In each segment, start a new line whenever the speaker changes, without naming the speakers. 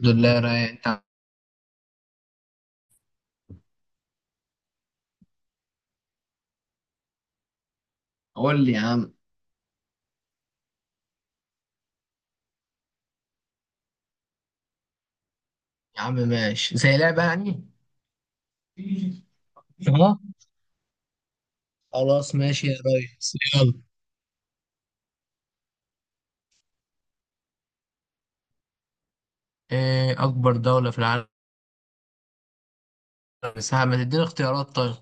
الحمد لله رايق انت. قول لي يا عم. يا عم ماشي زي لعبة يعني. اه، خلاص ماشي يا ريس يلا. ايه اكبر دولة في العالم مساحة؟ ما تديني اختيارات طيب.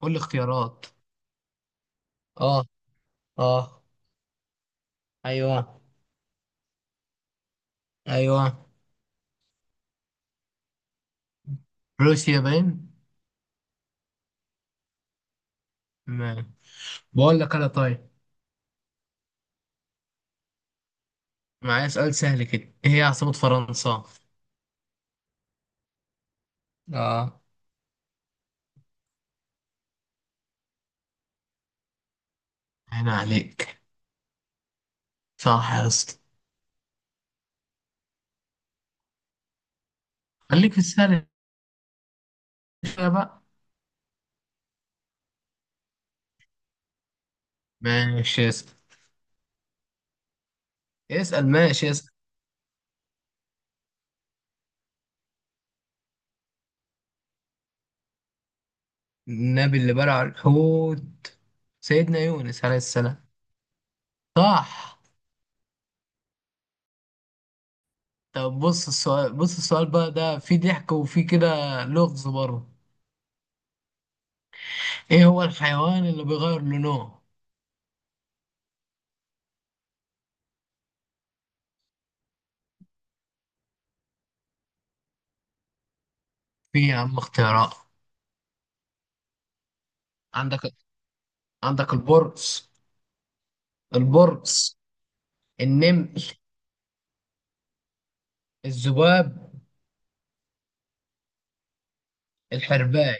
قول لي اختيارات. اه. اه. ايوه. ايوه. روسيا باين. ما. بقول لك انا طيب. معايا سؤال سهل كده، ايه هي عاصمة فرنسا؟ اه. هنا عليك، صح يا اسطى. خليك في السهل شوية بقى. ماشي اسأل. اسأل ماشي اسأل. النبي اللي بلع الحوت سيدنا يونس عليه السلام. صح. طب بص السؤال، بقى ده فيه ضحك وفيه كده، لغز برضه. ايه هو الحيوان اللي بيغير لونه؟ في يا عم اختيارات. عندك، البرص. البرص، النمل، الذباب، الحرباي.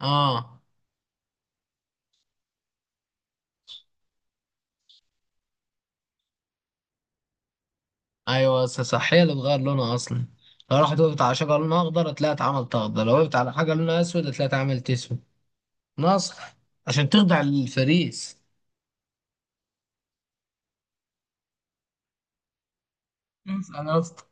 اه، ايوه بس صح، هي اللي بتغير لونها اصلا. لو راحت وقفت على شجره لونها اخضر هتلاقيها اتعملت اخضر، لو وقفت على حاجه لونها اسود هتلاقيها اتعملت اسود. ناصح عشان تخضع للفريس. انسى انا اصلا.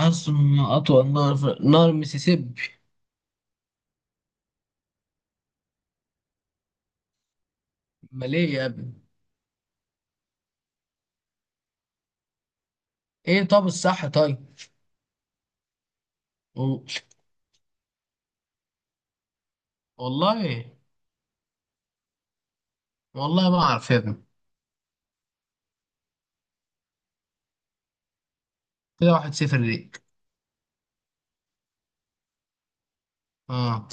أرسم أطول نهر في نهر المسيسيبي. أمال إيه يا ابني؟ إيه طب الصح طيب؟ و- والله. والله ما أعرف يا ابني. كده واحد صفر ليك. آه.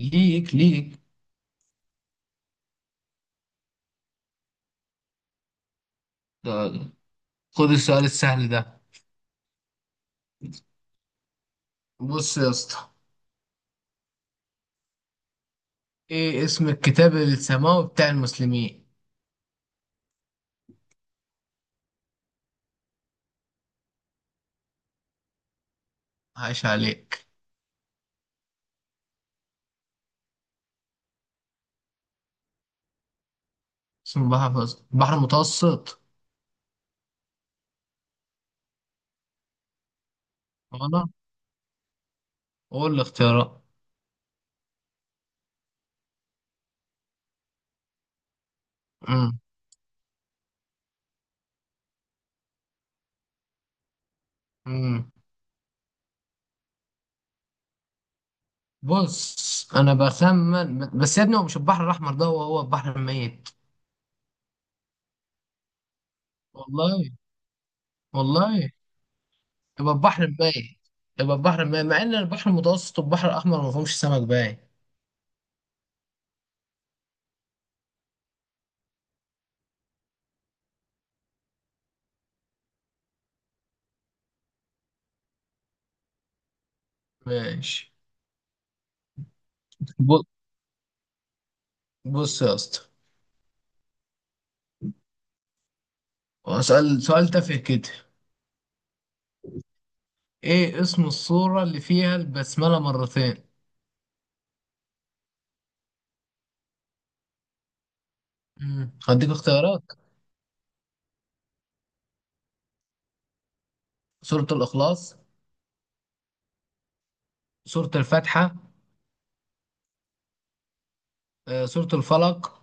ليك ليك. ده- خد السؤال السهل ده. بص يا اسطى، إيه اسم الكتاب السماوي بتاع المسلمين؟ عايش عليك. اسم البحر البحر المتوسط. وأنا، قول الاختيارات. بص انا بخمن بس يا ابني، هو مش البحر الاحمر ده، هو البحر الميت. والله. والله يبقى البحر الميت. يبقى البحر الميت مع ان البحر المتوسط والبحر الاحمر ما فيهمش سمك باين. ماشي. ب- بص يا اسطى، اسال سؤال تافه كده. ايه اسم الصورة اللي فيها البسملة مرتين؟ هديك اختيارات. سورة الاخلاص، سورة الفاتحة، سورة الفلق،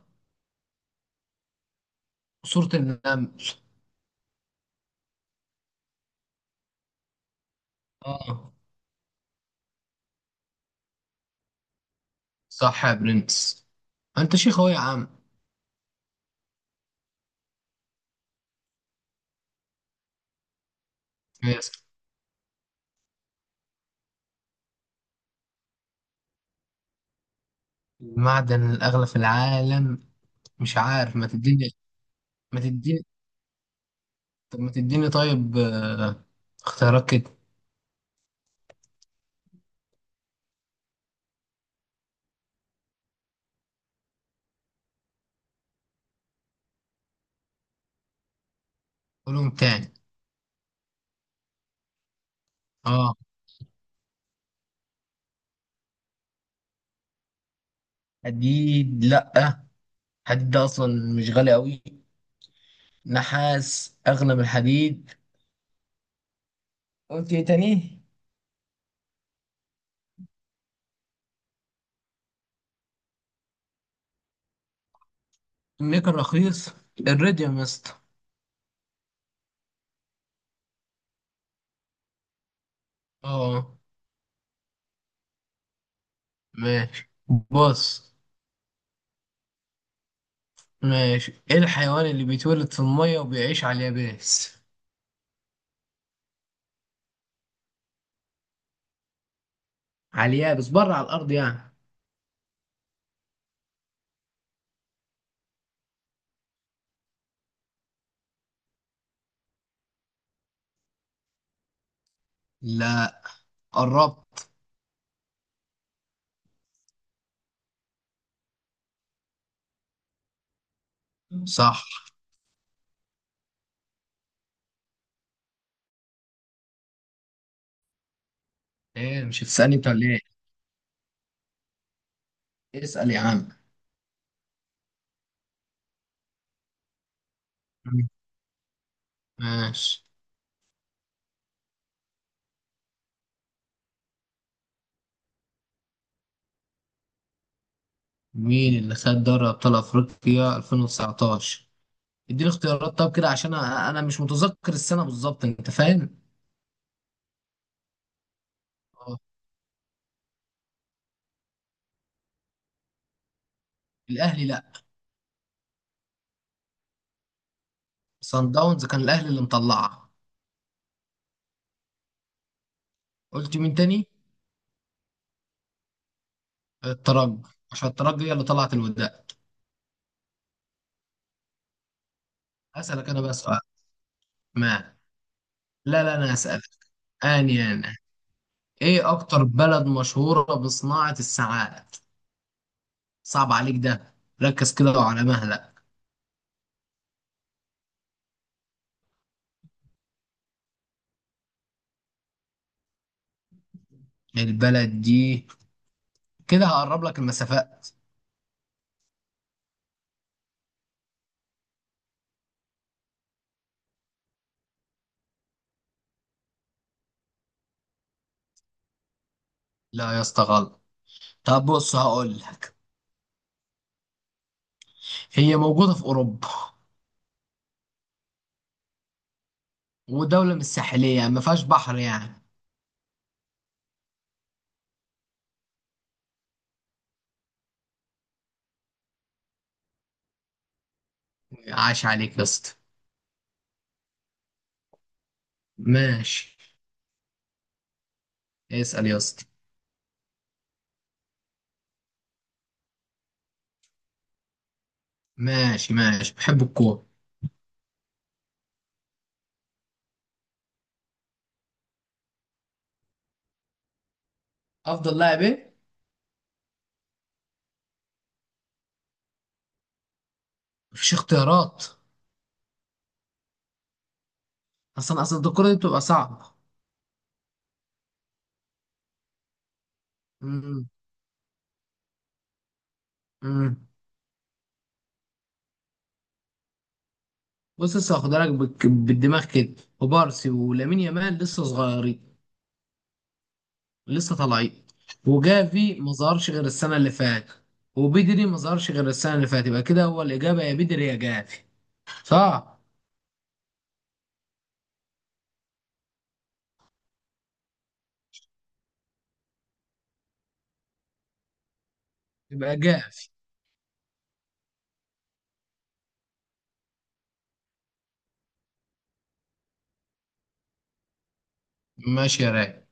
سورة النمل. اه. صح يا برنس، انت شيخ اهو يا عم. يس. المعدن الأغلى في العالم مش عارف، ما تديني. ما تديني، طب ما تديني طيب، اختيارات كده. قولهم تاني. اه. حديد لأ، حديد ده أصلا مش غالي أوي. نحاس أغلى من الحديد. قلت ايه تاني؟ النيكل رخيص. الريديوم يا اسطى. اه. ماشي. بص. ماشي، ايه الحيوان اللي بيتولد في المية وبيعيش على اليابس؟ على اليابس بره، على الأرض يعني. لا، قربت. صح. ايه، مش هتسألني انت ولا ايه؟ اسأل يا عم. ماشي. مين اللي خد دوري ابطال افريقيا 2019؟ اديني اختيارات طب كده، عشان انا مش متذكر السنة بالظبط، انت فاهم؟ اه. الاهلي لا. صن داونز كان الاهلي اللي مطلعها. قلت مين تاني؟ الترجي، عشان الترجي هي اللي طلعت الوداع. اسألك انا بقى سؤال. ما، لا لا انا هسألك. انا ايه اكتر بلد مشهورة بصناعة الساعات؟ صعب عليك ده، ركز كده وعلى مهلك. البلد دي، كده هقرب لك المسافات. لا يا اسطى غلط. طب بص هقول لك، هي موجودة في أوروبا، ودولة مش ساحلية يعني ما فيهاش بحر يعني. عاش عليك يا اسطى. ماشي. اسأل يا اسطى. ماشي ماشي بحب الكورة. أفضل لاعب إيه؟ مفيش اختيارات. أصلا الكورة دي بتبقى صعبة. امم. امم. بص لسه هاخدها لك بالدماغ كده. وبارسي ولامين يامال لسه صغيرين، لسه طالعين. وجافي ما ظهرش غير السنة اللي فاتت، وبدري ما ظهرش غير السنة اللي فاتت، يبقى كده هو الإجابة يا بدري يا جافي. صح. يبقى جافي. ماشي يا راجل.